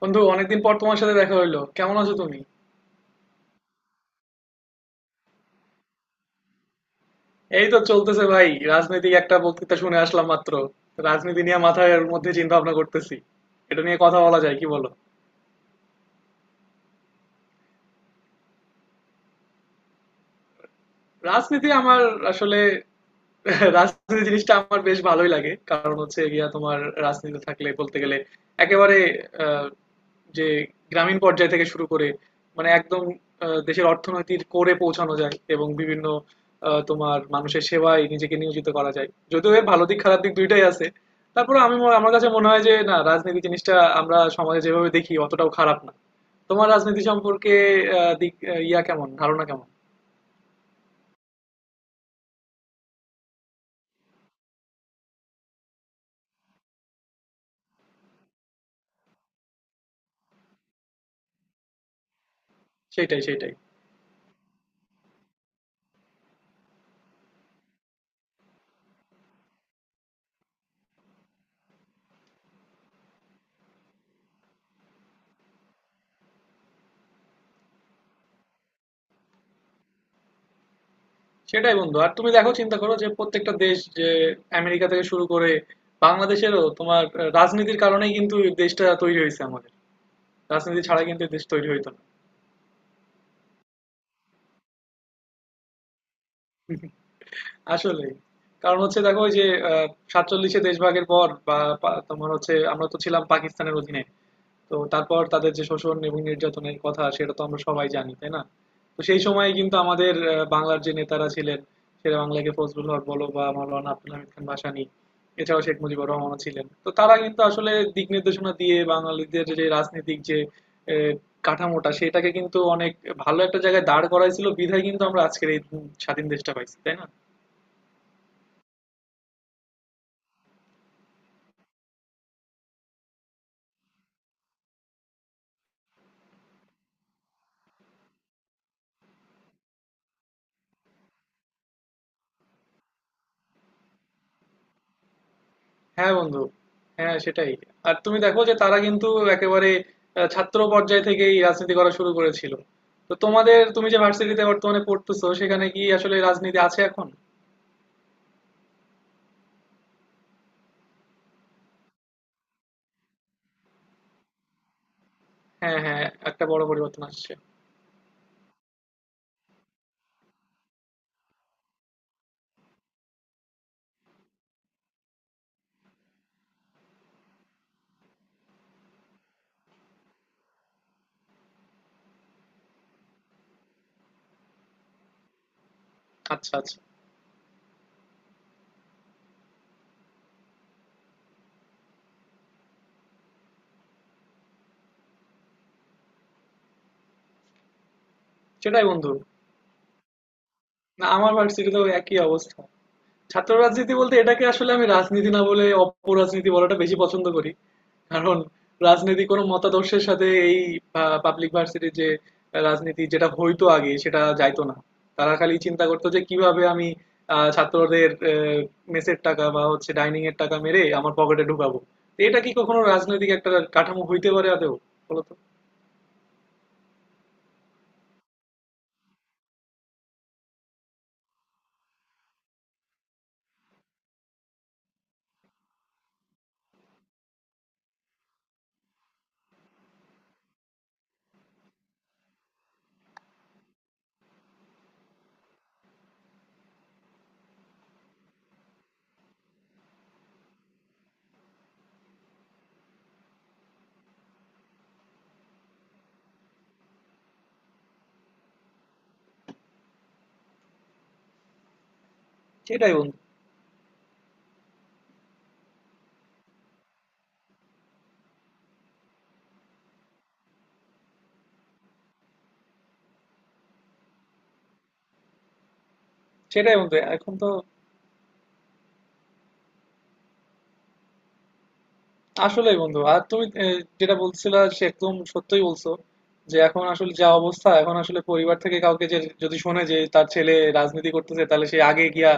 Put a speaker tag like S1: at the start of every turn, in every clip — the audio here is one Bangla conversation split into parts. S1: বন্ধু, অনেকদিন পর তোমার সাথে দেখা হইলো। কেমন আছো তুমি? এই তো চলতেছে ভাই। রাজনৈতিক একটা বক্তৃতা শুনে আসলাম মাত্র। রাজনীতি নিয়ে মাথার মধ্যে চিন্তা ভাবনা করতেছি। এটা নিয়ে কথা বলা যায়, কি বলো? রাজনীতি আমার, আসলে রাজনীতি জিনিসটা আমার বেশ ভালোই লাগে, কারণ হচ্ছে গিয়া তোমার রাজনীতি থাকলে বলতে গেলে একেবারে, আহ, যে গ্রামীণ পর্যায় থেকে শুরু করে মানে একদম দেশের অর্থনীতির কোরে পৌঁছানো যায়, এবং বিভিন্ন তোমার মানুষের সেবায় নিজেকে নিয়োজিত করা যায়। যদিও এর ভালো দিক খারাপ দিক দুইটাই আছে। তারপরে আমি আমার কাছে মনে হয় যে না, রাজনীতি জিনিসটা আমরা সমাজে যেভাবে দেখি অতটাও খারাপ না। তোমার রাজনীতি সম্পর্কে দিক কেমন ধারণা, কেমন? সেটাই সেটাই। সেটাই বন্ধু, আর তুমি দেখো, চিন্তা করো যে প্রত্যেকটা দেশ, যে আমেরিকা থেকে শুরু করে বাংলাদেশেরও তোমার রাজনীতির কারণেই কিন্তু এই দেশটা তৈরি হয়েছে, আমাদের রাজনীতি ছাড়া কিন্তু এই দেশ তৈরি হইতো না। আসলে কারণ হচ্ছে দেখো, ওই যে আহ, সাতচল্লিশে দেশ ভাগের পর বা তোমার হচ্ছে আমরা তো ছিলাম পাকিস্তানের অধীনে। তো তারপর তাদের যে শোষণ এবং নির্যাতনের কথা, সেটা তো আমরা সবাই জানি, তাই না? তো সেই সময়ে কিন্তু আমাদের বাংলার যে নেতারা ছিলেন, শেরে বাংলাকে ফজলুল হক বলো বা মাওলানা আব্দুল হামিদ খান ভাসানী, এছাড়াও শেখ মুজিবুর রহমানও ছিলেন, তো তারা কিন্তু আসলে দিক নির্দেশনা দিয়ে বাঙালিদের যে রাজনৈতিক যে আহ, কাঠামোটা সেটাকে কিন্তু অনেক ভালো একটা জায়গায় দাঁড় করাইছিল বিধায় কিন্তু আমরা আজকের এই স্বাধীন দেশটা পাইছি, তাই না? হ্যাঁ বন্ধু। হ্যাঁ, সেটাই। আর তুমি দেখো যে তারা কিন্তু একেবারে ছাত্র পর্যায় থেকেই রাজনীতি করা শুরু করেছিল। তো তোমাদের, তুমি যে ভার্সিটিতে বর্তমানে পড়তেছো, সেখানে কি আসলে রাজনীতি আছে এখন? হ্যাঁ হ্যাঁ, একটা বড় পরিবর্তন আসছে। আচ্ছা আচ্ছা। সেটাই বন্ধু। না, আমার ভার্সিটিতেও একই অবস্থা। ছাত্র রাজনীতি বলতে এটাকে আসলে আমি রাজনীতি না বলে অপরাজনীতি বলাটা বেশি পছন্দ করি, কারণ রাজনীতি কোনো মতাদর্শের সাথে, এই পাবলিক ভার্সিটির যে রাজনীতি যেটা হইতো আগে, সেটা যাইতো না। তারা খালি চিন্তা করতো যে কিভাবে আমি ছাত্রদের মেসের টাকা বা হচ্ছে ডাইনিং এর টাকা মেরে আমার পকেটে ঢুকাবো। তো এটা কি কখনো রাজনৈতিক একটা কাঠামো হইতে পারে আদৌ, বলতো? সেটাই বন্ধু। সেটাই বন্ধু, এখন তো আসলেই বন্ধু। আর তুমি যেটা বলছিলা সে একদম সত্যই বলছো। যে এখন আসলে যা অবস্থা, এখন আসলে পরিবার থেকে কাউকে, যে যদি শোনে যে তার ছেলে রাজনীতি করতেছে, তাহলে সে আগে গিয়া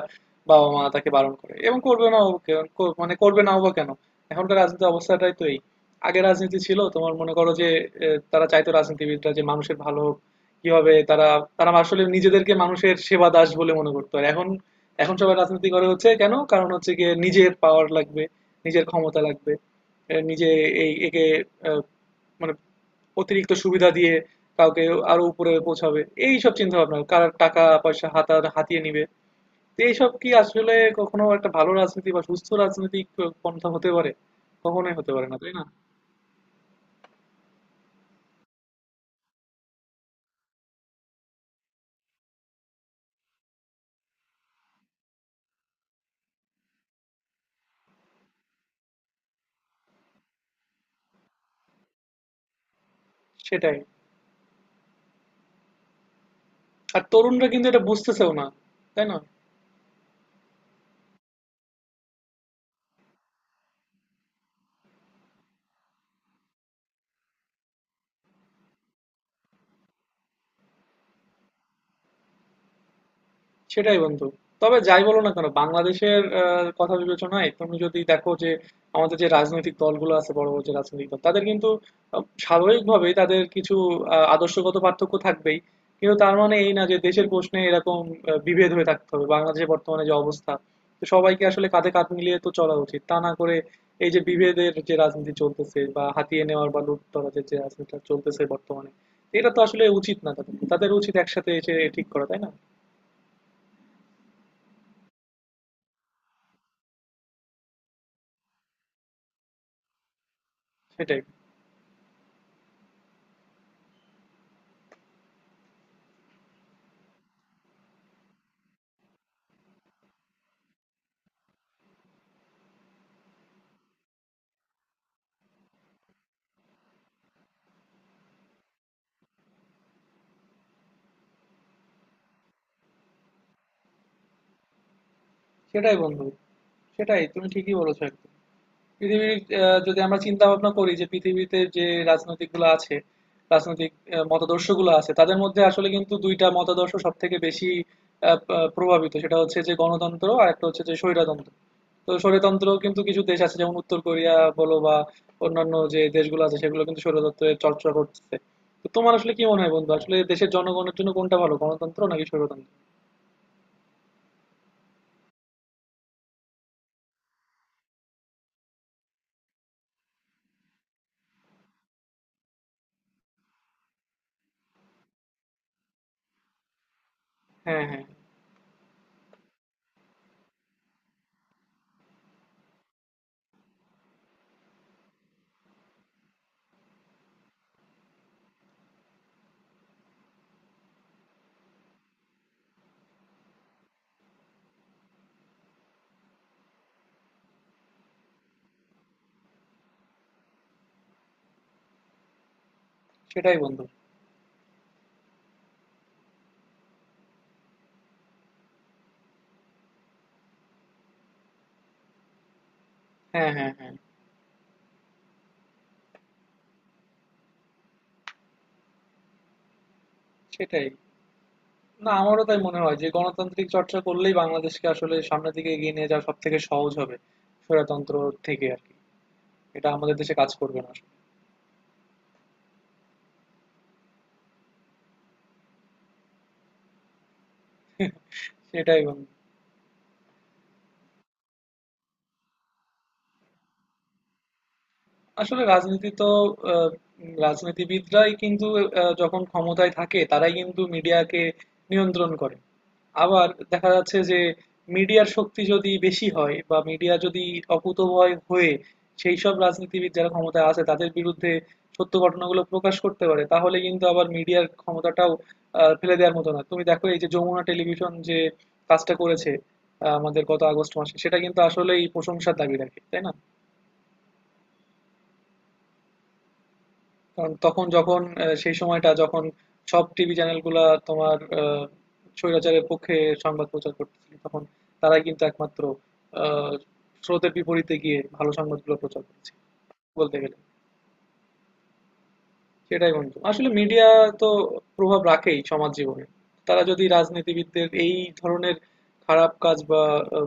S1: বাবা মা তাকে বারণ করে, এবং করবে না মানে করবে নাও বা কেন, এখনকার রাজনীতি অবস্থাটাই তো এই। আগে রাজনীতি ছিল, তোমার মনে করো যে তারা চাইতো রাজনীতিবিদরা যে মানুষের ভালো হোক। কিভাবে তারা, তারা আসলে নিজেদেরকে মানুষের সেবা দাস বলে মনে করতো, আর এখন এখন সবাই রাজনীতি করে হচ্ছে কেন, কারণ হচ্ছে গিয়ে নিজের পাওয়ার লাগবে, নিজের ক্ষমতা লাগবে, এ নিজে, এই একে আহ, মানে অতিরিক্ত সুবিধা দিয়ে কাউকে আরো উপরে পৌঁছাবে। এইসব চিন্তা ভাবনা, কার টাকা পয়সা হাতিয়ে নিবে। তো এইসব কি আসলে কখনো একটা ভালো রাজনীতি বা সুস্থ রাজনৈতিক পন্থা হতে পারে? কখনোই হতে পারে না, তাই না? সেটাই। আর তরুণরা কিন্তু এটা বুঝতেছেও না, তাই না? সেটাই বন্ধু। তবে যাই বলো না কেন, বাংলাদেশের কথা বিবেচনায় তুমি যদি দেখো যে আমাদের যে রাজনৈতিক দলগুলো আছে, বড় বড় যে রাজনৈতিক দল, তাদের কিন্তু স্বাভাবিকভাবেই তাদের কিছু আদর্শগত পার্থক্য থাকবেই। কিন্তু তার মানে এই না যে দেশের প্রশ্নে এরকম বিভেদ হয়ে থাকতে হবে। বাংলাদেশের বর্তমানে যে অবস্থা, তো সবাইকে আসলে কাঁধে কাঁধ মিলিয়ে তো চলা উচিত। তা না করে এই যে বিভেদের যে রাজনীতি চলতেছে বা হাতিয়ে নেওয়ার বা লুট তরাজের যে রাজনীতিটা চলতেছে বর্তমানে, এটা তো আসলে উচিত না। তাদের তাদের উচিত একসাথে এসে ঠিক করা, তাই না? সেটাই। সেটাই বন্ধু, সেটাই। তুমি ঠিকই বলেছো একদম। পৃথিবীর যদি আমরা চিন্তা ভাবনা করি যে পৃথিবীতে যে রাজনৈতিক গুলো আছে রাজনৈতিক মতাদর্শ গুলো আছে, তাদের মধ্যে আসলে কিন্তু দুইটা মতাদর্শ সব থেকে বেশি প্রভাবিত। সেটা হচ্ছে যে গণতন্ত্র, আর একটা হচ্ছে যে স্বৈরতন্ত্র। তো স্বৈরতন্ত্র কিন্তু কিছু দেশ আছে যেমন উত্তর কোরিয়া বলো বা অন্যান্য যে দেশগুলো আছে, সেগুলো কিন্তু স্বৈরতন্ত্রের চর্চা করছে। তো তোমার আসলে কি মনে হয় বন্ধু, আসলে দেশের জনগণের জন্য কোনটা ভালো, গণতন্ত্র নাকি স্বৈরতন্ত্র? হ্যাঁ হ্যাঁ। সেটাই বন্ধু। হ্যাঁ হ্যাঁ হ্যাঁ। সেটাই। না, আমারও তাই মনে হয় যে গণতান্ত্রিক চর্চা করলেই বাংলাদেশকে আসলে সামনের দিকে এগিয়ে নিয়ে যাওয়া সব থেকে সহজ হবে। স্বৈরতন্ত্র থেকে আর কি, এটা আমাদের দেশে কাজ করবে না আসলে। সেটাই বন্ধু। আসলে রাজনীতি তো আহ, রাজনীতিবিদরাই কিন্তু যখন ক্ষমতায় থাকে তারাই কিন্তু মিডিয়াকে নিয়ন্ত্রণ করে। আবার দেখা যাচ্ছে যে মিডিয়ার শক্তি যদি বেশি হয় বা মিডিয়া যদি অকুতোভয় হয়ে সেই সব রাজনীতিবিদ যারা ক্ষমতায় আছে তাদের বিরুদ্ধে সত্য ঘটনাগুলো প্রকাশ করতে পারে, তাহলে কিন্তু আবার মিডিয়ার ক্ষমতাটাও ফেলে দেওয়ার মতো না। তুমি দেখো এই যে যমুনা টেলিভিশন যে কাজটা করেছে আমাদের গত আগস্ট মাসে, সেটা কিন্তু আসলেই প্রশংসার দাবি রাখে, তাই না? কারণ তখন যখন সেই সময়টা যখন সব টিভি চ্যানেলগুলা তোমার স্বৈরাচারের পক্ষে সংবাদ প্রচার করতেছিল, তখন তারাই কিন্তু একমাত্র আহ, স্রোতের বিপরীতে গিয়ে ভালো সংবাদগুলো প্রচার করছে বলতে গেলে। সেটাই বন্ধু। আসলে মিডিয়া তো প্রভাব রাখেই সমাজ জীবনে। তারা যদি রাজনীতিবিদদের এই ধরনের খারাপ কাজ বা আহ,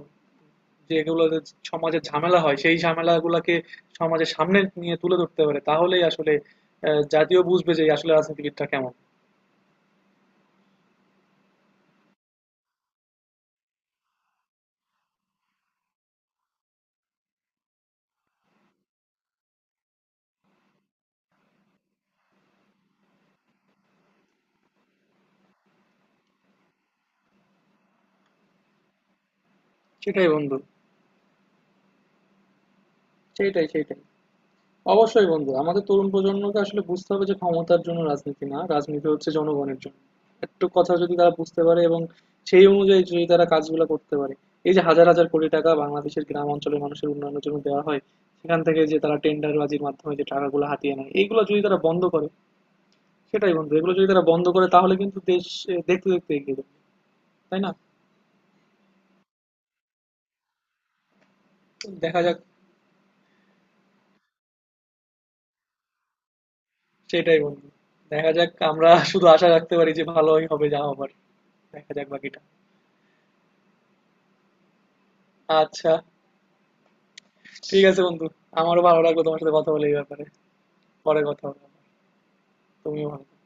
S1: যেগুলো সমাজে ঝামেলা হয় সেই ঝামেলাগুলোকে সমাজের সামনে নিয়ে তুলে ধরতে পারে, তাহলেই আসলে জাতীয় বুঝবে যে আসলে রাজনীতিবিদটা কেমন। সেটাই বন্ধু। সেইটাই সেইটাই। অবশ্যই বন্ধু, আমাদের তরুণ প্রজন্মকে আসলে বুঝতে হবে যে ক্ষমতার জন্য রাজনীতি না, রাজনীতি হচ্ছে জনগণের জন্য। একটু কথা যদি তারা বুঝতে পারে এবং সেই অনুযায়ী যদি তারা কাজগুলো করতে পারে, এই যে হাজার হাজার কোটি টাকা বাংলাদেশের গ্রাম অঞ্চলের মানুষের উন্নয়নের জন্য দেওয়া হয়, সেখান থেকে যে তারা টেন্ডারবাজির মাধ্যমে যে টাকাগুলো হাতিয়ে নেয়, এইগুলো যদি তারা বন্ধ করে, সেটাই বন্ধু, এগুলো যদি তারা বন্ধ করে তাহলে কিন্তু দেশ দেখতে দেখতে এগিয়ে যাবে, তাই না? দেখা যাক। সেটাই বন্ধু, দেখা যাক। আমরা শুধু আশা রাখতে পারি যে ভালোই হবে যা হবার। দেখা যাক বাকিটা। আচ্ছা, ঠিক আছে বন্ধু। আমারও ভালো লাগলো তোমার সাথে কথা বলে এই ব্যাপারে। পরে কথা হবে আবার। তুমিও ভালো থেকো।